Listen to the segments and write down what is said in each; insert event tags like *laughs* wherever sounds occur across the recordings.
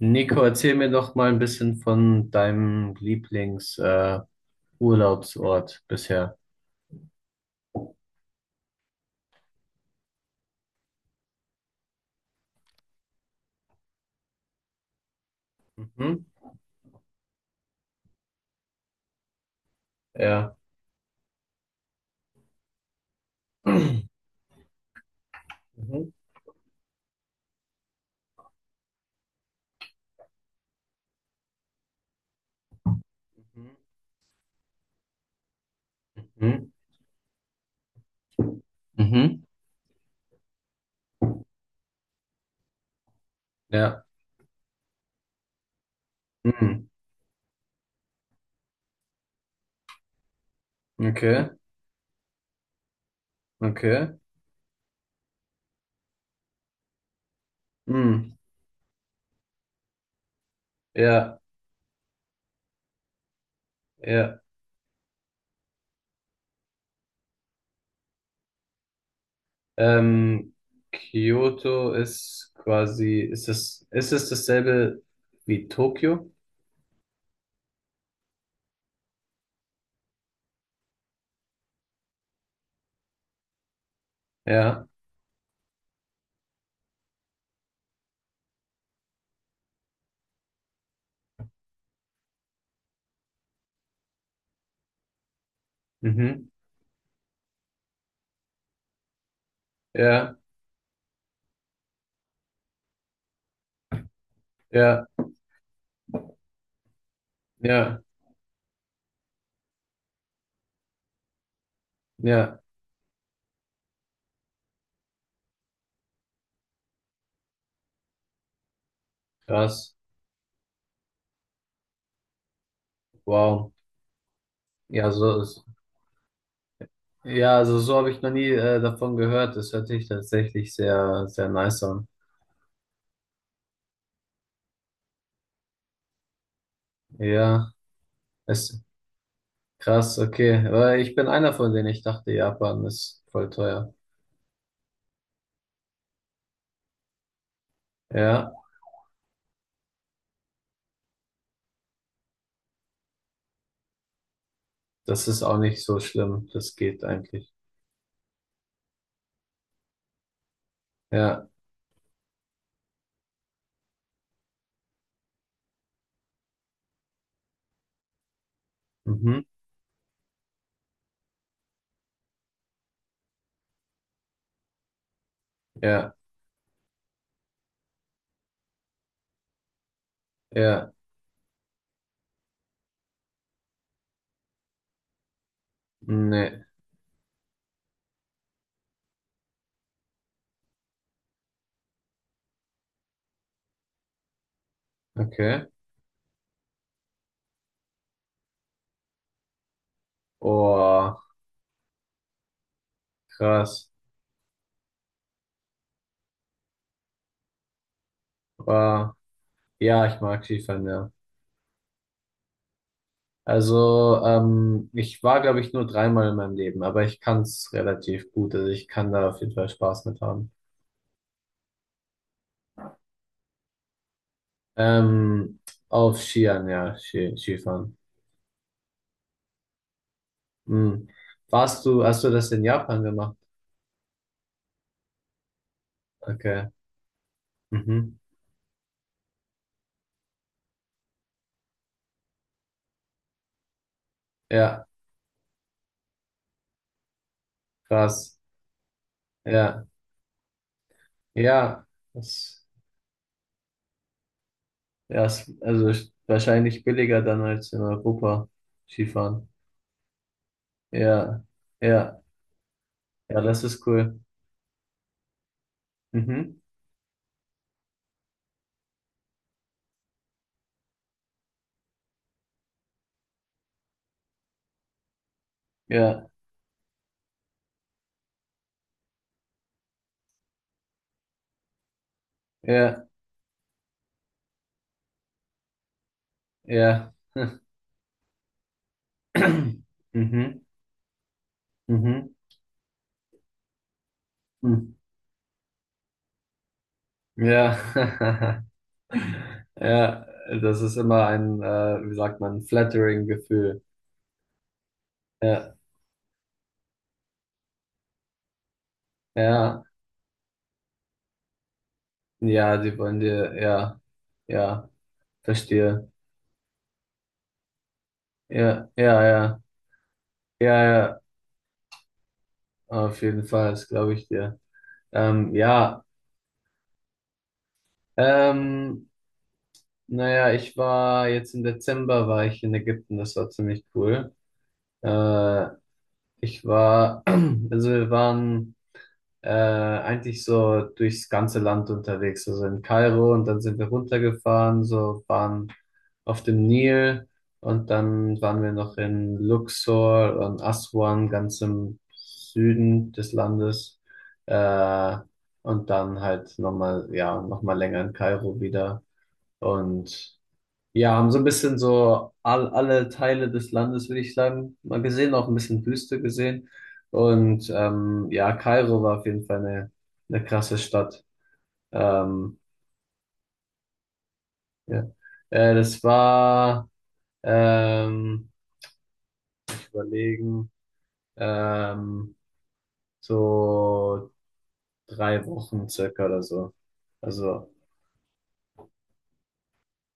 Nico, erzähl mir doch mal ein bisschen von deinem Lieblings, Urlaubsort bisher. Mhm. Ja. *clears throat* Mhm. Mhm. Mhm. Mhm. Ja. Mhm. Okay. Okay. Mhm. Ja. Ja. Ähm, Kyoto ist quasi, ist es dasselbe wie Tokio? Ja. Mhm. Ja. Ja. Ja. Ja. Krass. Wow. Ja, so ist. Ja, also so habe ich noch nie davon gehört. Das hört sich tatsächlich sehr, sehr nice an. Ja, ist krass, okay. Weil ich bin einer von denen. Ich dachte, Japan ist voll teuer. Ja, das ist auch nicht so schlimm. Das geht eigentlich. Ja, mhm. Ja, ja, nee, okay. Oh, krass. Wow. Ja, ich mag Skifahren, ja. Also, ich war, glaube ich, nur dreimal in meinem Leben, aber ich kann es relativ gut. Also ich kann da auf jeden Fall Spaß mit haben. Ähm, auf Skiern, ja, Skifahren. Hm. Hast du das in Japan gemacht? Okay. Mhm. Ja, krass. Ja, ja. Das, ja, also ist wahrscheinlich billiger dann als in Europa Skifahren. Ja, ja, ja, das ist cool. Mhm. Ja, ja, ja. *clears throat* Mhm. Mhm. Mhm. Ja. *laughs* Ja, das ist immer ein, wie sagt man, flattering Gefühl. Ja. Ja, ja, die wollen dir, ja, ja, verstehe. Ja, ja, ja, ja, ja, auf jeden Fall, das glaube ich dir. Ja, ähm, naja, ich war jetzt im Dezember war ich in Ägypten, das war ziemlich cool. Äh, ich war, *clears throat* also wir waren eigentlich so durchs ganze Land unterwegs. Also in Kairo und dann sind wir runtergefahren, so waren auf dem Nil und dann waren wir noch in Luxor und Aswan, ganz im Süden des Landes. Äh, und dann halt nochmal, ja, nochmal länger in Kairo wieder. Und ja, haben so ein bisschen so alle Teile des Landes, würde ich sagen, mal gesehen, auch ein bisschen Wüste gesehen. Und ja, Kairo war auf jeden Fall eine krasse Stadt. Ähm, ja. Das war, ähm, überlegen, ähm, so 3 Wochen circa oder so. Also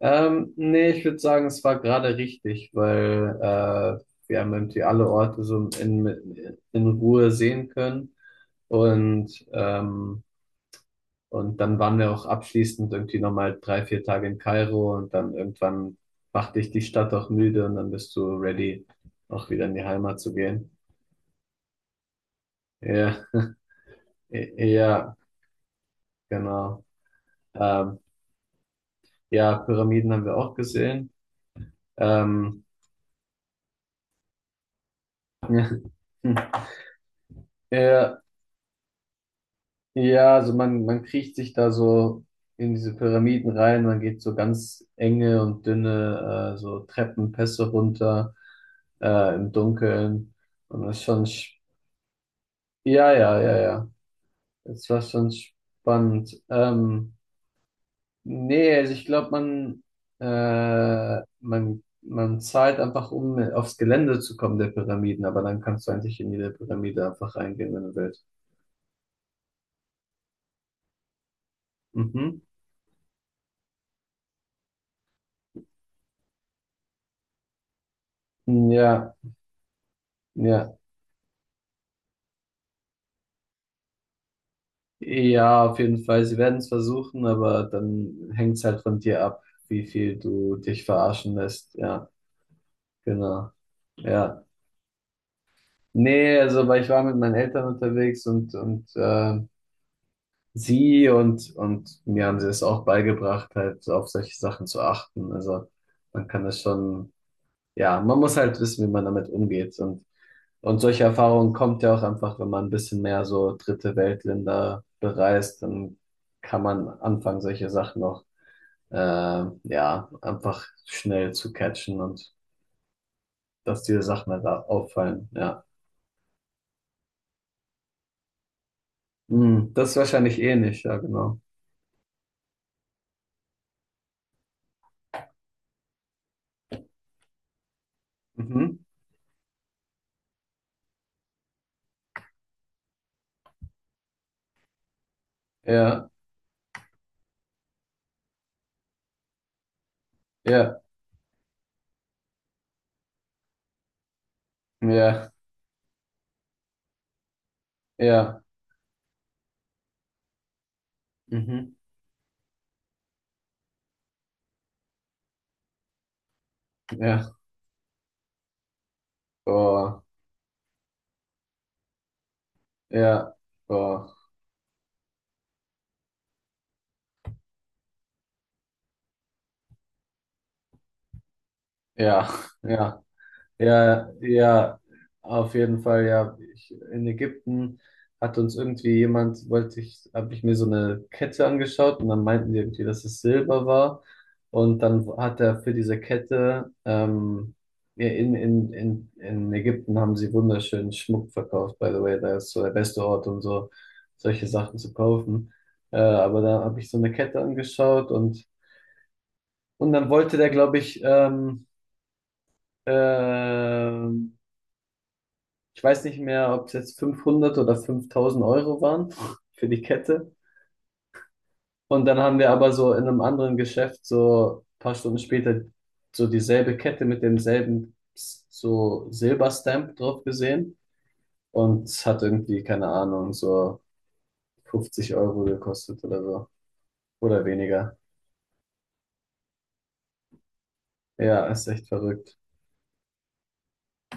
Nee, ich würde sagen, es war gerade richtig, weil wir haben irgendwie alle Orte so in Ruhe sehen können. Und, ähm, und dann waren wir auch abschließend irgendwie nochmal 3, 4 Tage in Kairo und dann irgendwann macht dich die Stadt auch müde und dann bist du ready, auch wieder in die Heimat zu gehen. Ja, ja, genau. Ähm, ja, Pyramiden haben wir auch gesehen. Ähm, *laughs* ja, Ja, also man kriecht sich da so in diese Pyramiden rein, man geht so ganz enge und dünne so Treppenpässe runter im Dunkeln. Und das ist schon, ja, ja, ja, ja. Das war schon spannend. Nee, also ich glaube, man zahlt einfach, um aufs Gelände zu kommen der Pyramiden, aber dann kannst du eigentlich in jede Pyramide einfach reingehen, wenn du willst. Mhm. Ja, ja. Ja, auf jeden Fall. Sie werden es versuchen, aber dann hängt es halt von dir ab, wie viel du dich verarschen lässt. Ja, genau. Ja. Nee, also, weil ich war mit meinen Eltern unterwegs und sie und mir haben sie es auch beigebracht, halt auf solche Sachen zu achten. Also man kann das schon. Ja, man muss halt wissen, wie man damit umgeht. Und solche Erfahrungen kommt ja auch einfach, wenn man ein bisschen mehr so dritte Weltländer bereist, dann kann man anfangen, solche Sachen auch, äh, ja, einfach schnell zu catchen und dass diese Sachen halt da auffallen. Ja, Hm, das ist wahrscheinlich ähnlich, ja, genau. Mhm. Ja, ja, ja, ja, mhm. Ja, oh, ja, oh, ja, ja. Ja, ja, auf jeden Fall, ja. In Ägypten hat uns irgendwie jemand, wollte ich, habe ich mir so eine Kette angeschaut und dann meinten die irgendwie, dass es Silber war. Und dann hat er für diese Kette, ja, in Ägypten haben sie wunderschönen Schmuck verkauft, by the way. Da ist so der beste Ort, um so solche Sachen zu kaufen. Aber da habe ich so eine Kette angeschaut und dann wollte der, glaube ich, ähm, ich weiß nicht mehr, ob es jetzt 500 oder 5.000 Euro waren für die Kette. Und dann haben wir aber so in einem anderen Geschäft so ein paar Stunden später so dieselbe Kette mit demselben so Silberstamp drauf gesehen. Und es hat irgendwie, keine Ahnung, so 50 Euro gekostet oder so. Oder weniger. Ja, ist echt verrückt.